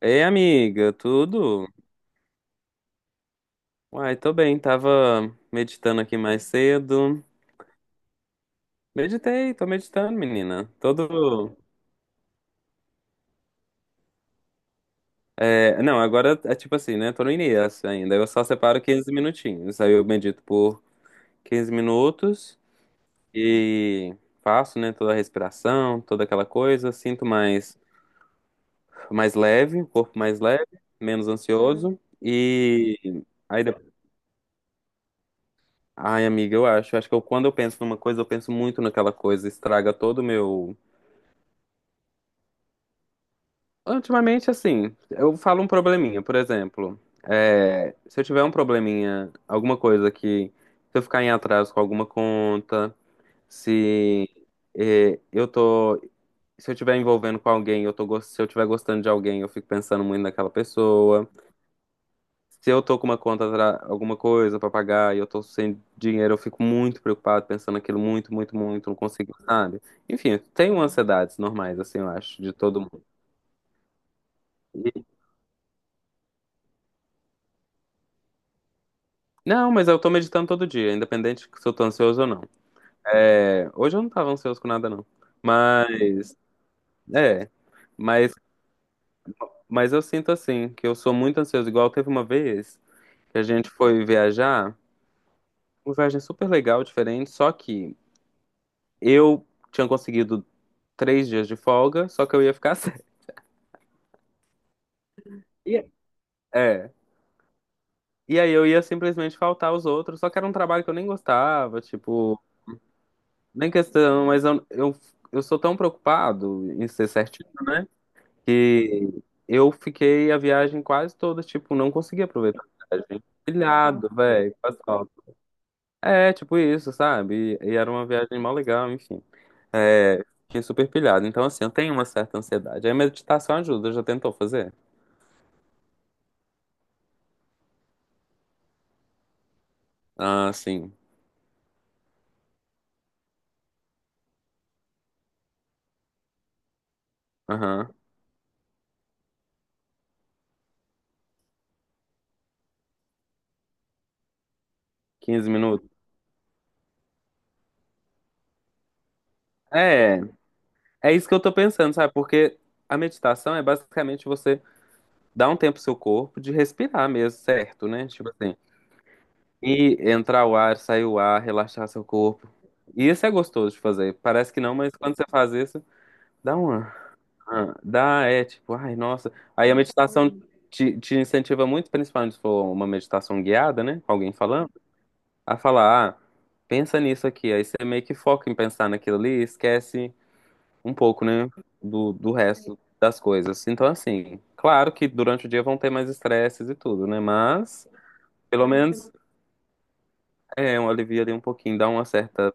Ei, amiga, tudo? Uai, tô bem, tava meditando aqui mais cedo. Meditei, tô meditando, menina. Todo. É, não, Agora é tipo assim, né? Tô no início ainda. Eu só separo 15 minutinhos. Aí eu medito por 15 minutos e faço, né, toda a respiração, toda aquela coisa. Sinto mais, mais leve, o corpo mais leve, menos ansioso. E aí depois. Ai, amiga, eu acho. Eu acho que quando eu penso numa coisa, eu penso muito naquela coisa, estraga todo o meu. Ultimamente, assim, eu falo um probleminha, por exemplo. Se eu tiver um probleminha, alguma coisa que. Se eu ficar em atraso com alguma conta, se eu tô. Se eu estiver envolvendo com alguém, eu tô, se eu estiver gostando de alguém, eu fico pensando muito naquela pessoa. Se eu tô com uma conta, alguma coisa pra pagar e eu tô sem dinheiro, eu fico muito preocupado, pensando aquilo muito, muito, muito, não consigo, sabe? Enfim, tem ansiedades normais, assim, eu acho, de todo mundo. Não, mas eu tô meditando todo dia, independente se eu tô ansioso ou não. É, hoje eu não tava ansioso com nada, não. Mas, é. Mas, mas eu sinto assim, que eu sou muito ansioso. Igual teve uma vez que a gente foi viajar, uma viagem super legal, diferente, só que eu tinha conseguido três dias de folga, só que eu ia ficar sem. E- É. E aí eu ia simplesmente faltar os outros, só que era um trabalho que eu nem gostava, tipo, nem questão, mas eu sou tão preocupado em ser certinho. Né? E eu fiquei a viagem quase toda, tipo, não consegui aproveitar a viagem. Pilhado, velho, faz falta. É, tipo isso, sabe? E era uma viagem mó legal, enfim. É, fiquei super pilhado. Então, assim, eu tenho uma certa ansiedade. Aí meditação ajuda, já tentou fazer? Ah, sim. Aham. 15 minutos. É, é isso que eu tô pensando, sabe? Porque a meditação é basicamente você dar um tempo pro seu corpo de respirar mesmo, certo, né? Tipo assim. E entrar o ar, sair o ar, relaxar seu corpo. E isso é gostoso de fazer. Parece que não, mas quando você faz isso, dá uma. Dá, é tipo, ai, nossa. Aí a meditação te incentiva muito, principalmente se for uma meditação guiada, né? Com alguém falando, a falar, ah, pensa nisso aqui. Aí você meio que foca em pensar naquilo ali e esquece um pouco, né? Do resto das coisas. Então, assim, claro que durante o dia vão ter mais estresses e tudo, né? Mas, pelo menos, é um alivio ali um pouquinho, dá uma certa.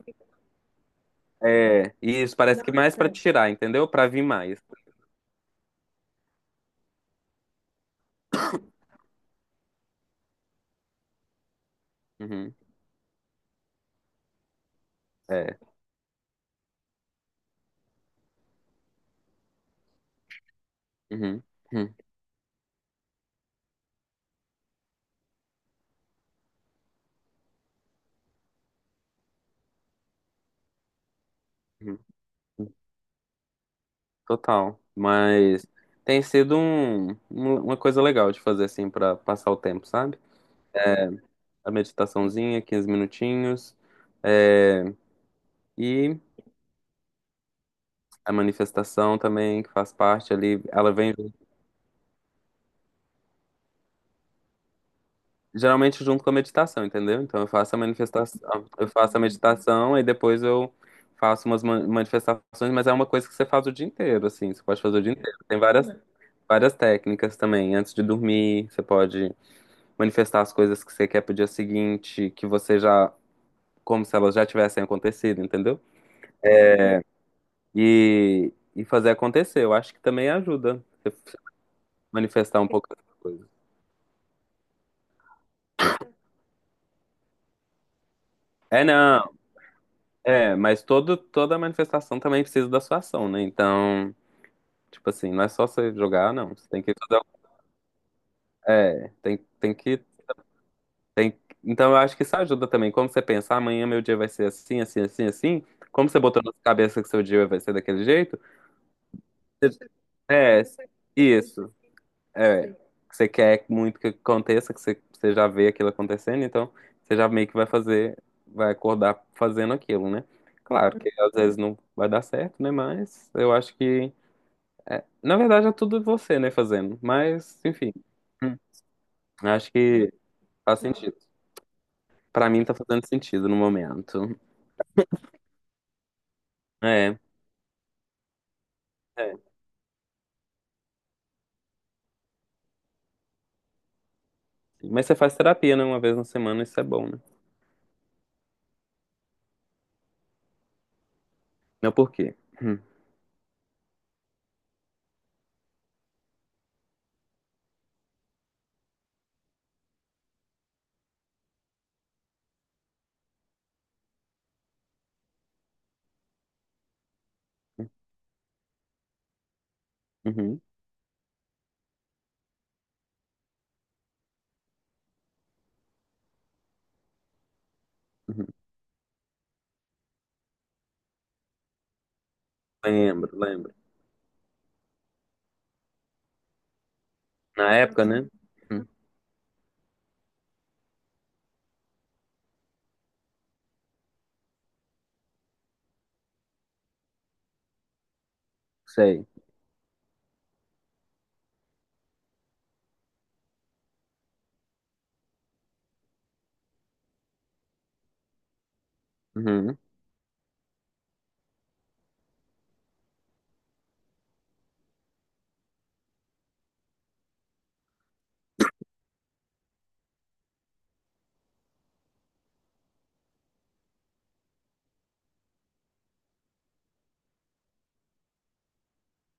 É, isso, parece que mais pra tirar, entendeu? Pra vir mais. Uhum, é. Uhum, uhum, uhum. Total. Mas tem sido uma coisa legal de fazer assim pra passar o tempo, sabe? A meditaçãozinha, 15 minutinhos. É, e a manifestação também, que faz parte ali, ela vem junto, geralmente junto com a meditação, entendeu? Então eu faço a manifestação, eu faço a meditação e depois eu faço umas manifestações, mas é uma coisa que você faz o dia inteiro, assim, você pode fazer o dia inteiro. Tem várias, várias técnicas também, antes de dormir, você pode manifestar as coisas que você quer pro dia seguinte, que você já, como se elas já tivessem acontecido, entendeu? E fazer acontecer. Eu acho que também ajuda você manifestar um pouco essas coisas. É, não, é, mas todo, toda manifestação também precisa da sua ação, né? Então, tipo assim, não é só você jogar, não. Você tem que fazer. É, tem, tem que. Tem, então, eu acho que isso ajuda também. Como você pensa: "Ah, amanhã meu dia vai ser assim, assim, assim, assim. Como você botou na sua cabeça que seu dia vai ser daquele jeito?" você- É, isso. É, que você quer muito que aconteça, que você já vê aquilo acontecendo, então você já meio que vai fazer, vai acordar fazendo aquilo, né? Claro que às vezes não vai dar certo, né? Mas eu acho que, na verdade, é tudo você, né, fazendo. Mas, enfim, hum, acho que faz sentido. Pra mim tá fazendo sentido no momento. É, é. Mas você faz terapia, né? Uma vez na semana, isso é bom, né? Não, por quê? Hum, uhum, uhum. Lembro, lembro. Na época, né? Hum, sei. Uhum.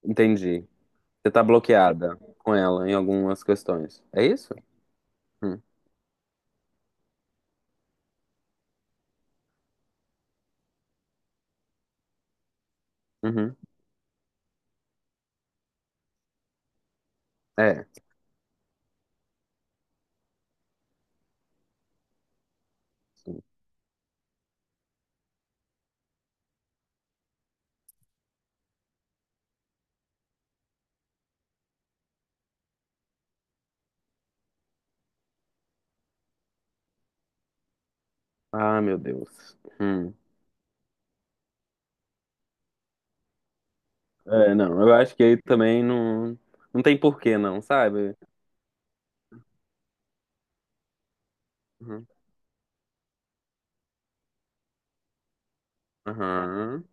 Entendi. Você tá bloqueada com ela em algumas questões. É isso? Hum. Uhum. É. Sim. Ah, meu Deus. Hum. É, não. Eu acho que aí também não, não tem porquê, não, sabe? Uhum. Aham.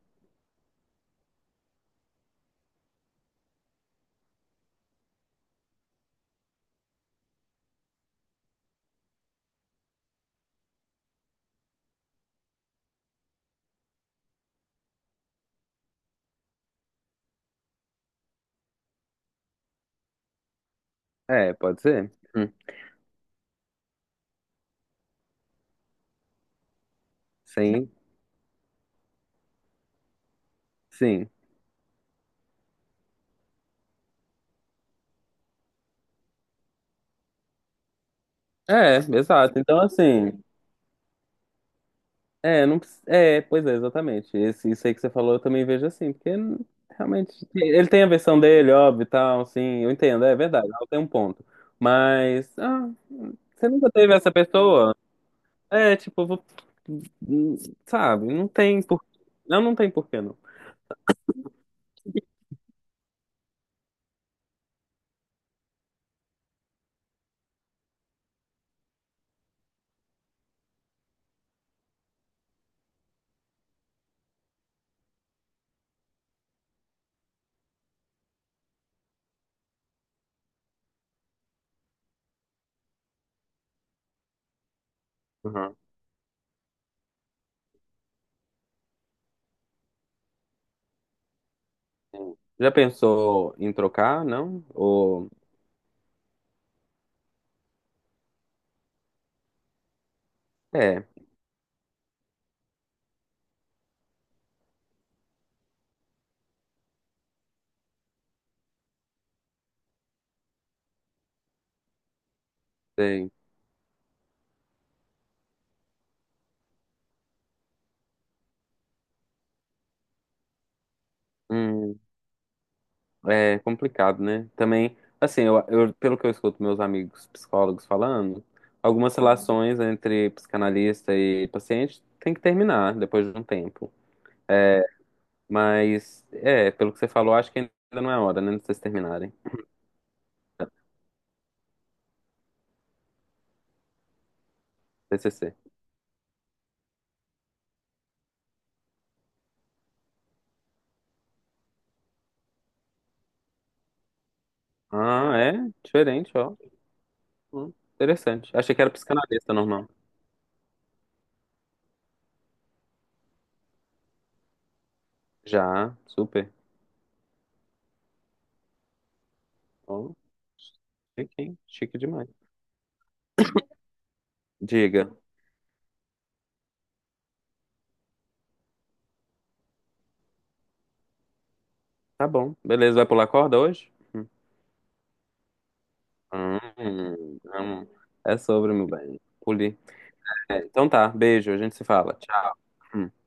É, pode ser. Hum. Sim, sim. É, exato. Então, assim. É, não, é, pois é, exatamente. Esse, isso aí que você falou, eu também vejo assim, porque realmente ele tem a versão dele, óbvio, e tal, assim, eu entendo, é verdade, ela tem um ponto. Mas, ah, você nunca teve essa pessoa? É, tipo, n- sabe, não, não tem porquê, não. Uhum. Já pensou em trocar, não? Ou, é, sei. É complicado, né? Também, assim, pelo que eu escuto meus amigos psicólogos falando, algumas relações entre psicanalista e paciente tem que terminar depois de um tempo. Mas, é, pelo que você falou, acho que ainda não é hora, né, de vocês terminarem. TCC. Ah, é? Diferente, ó. Interessante. Achei que era psicanalista normal. Já, super. Ó, chique, hein? Chique demais. Diga. Tá bom. Beleza, vai pular corda hoje? Não. É sobre, meu bem. Poli. É, então tá, beijo, a gente se fala. Tchau. Hum.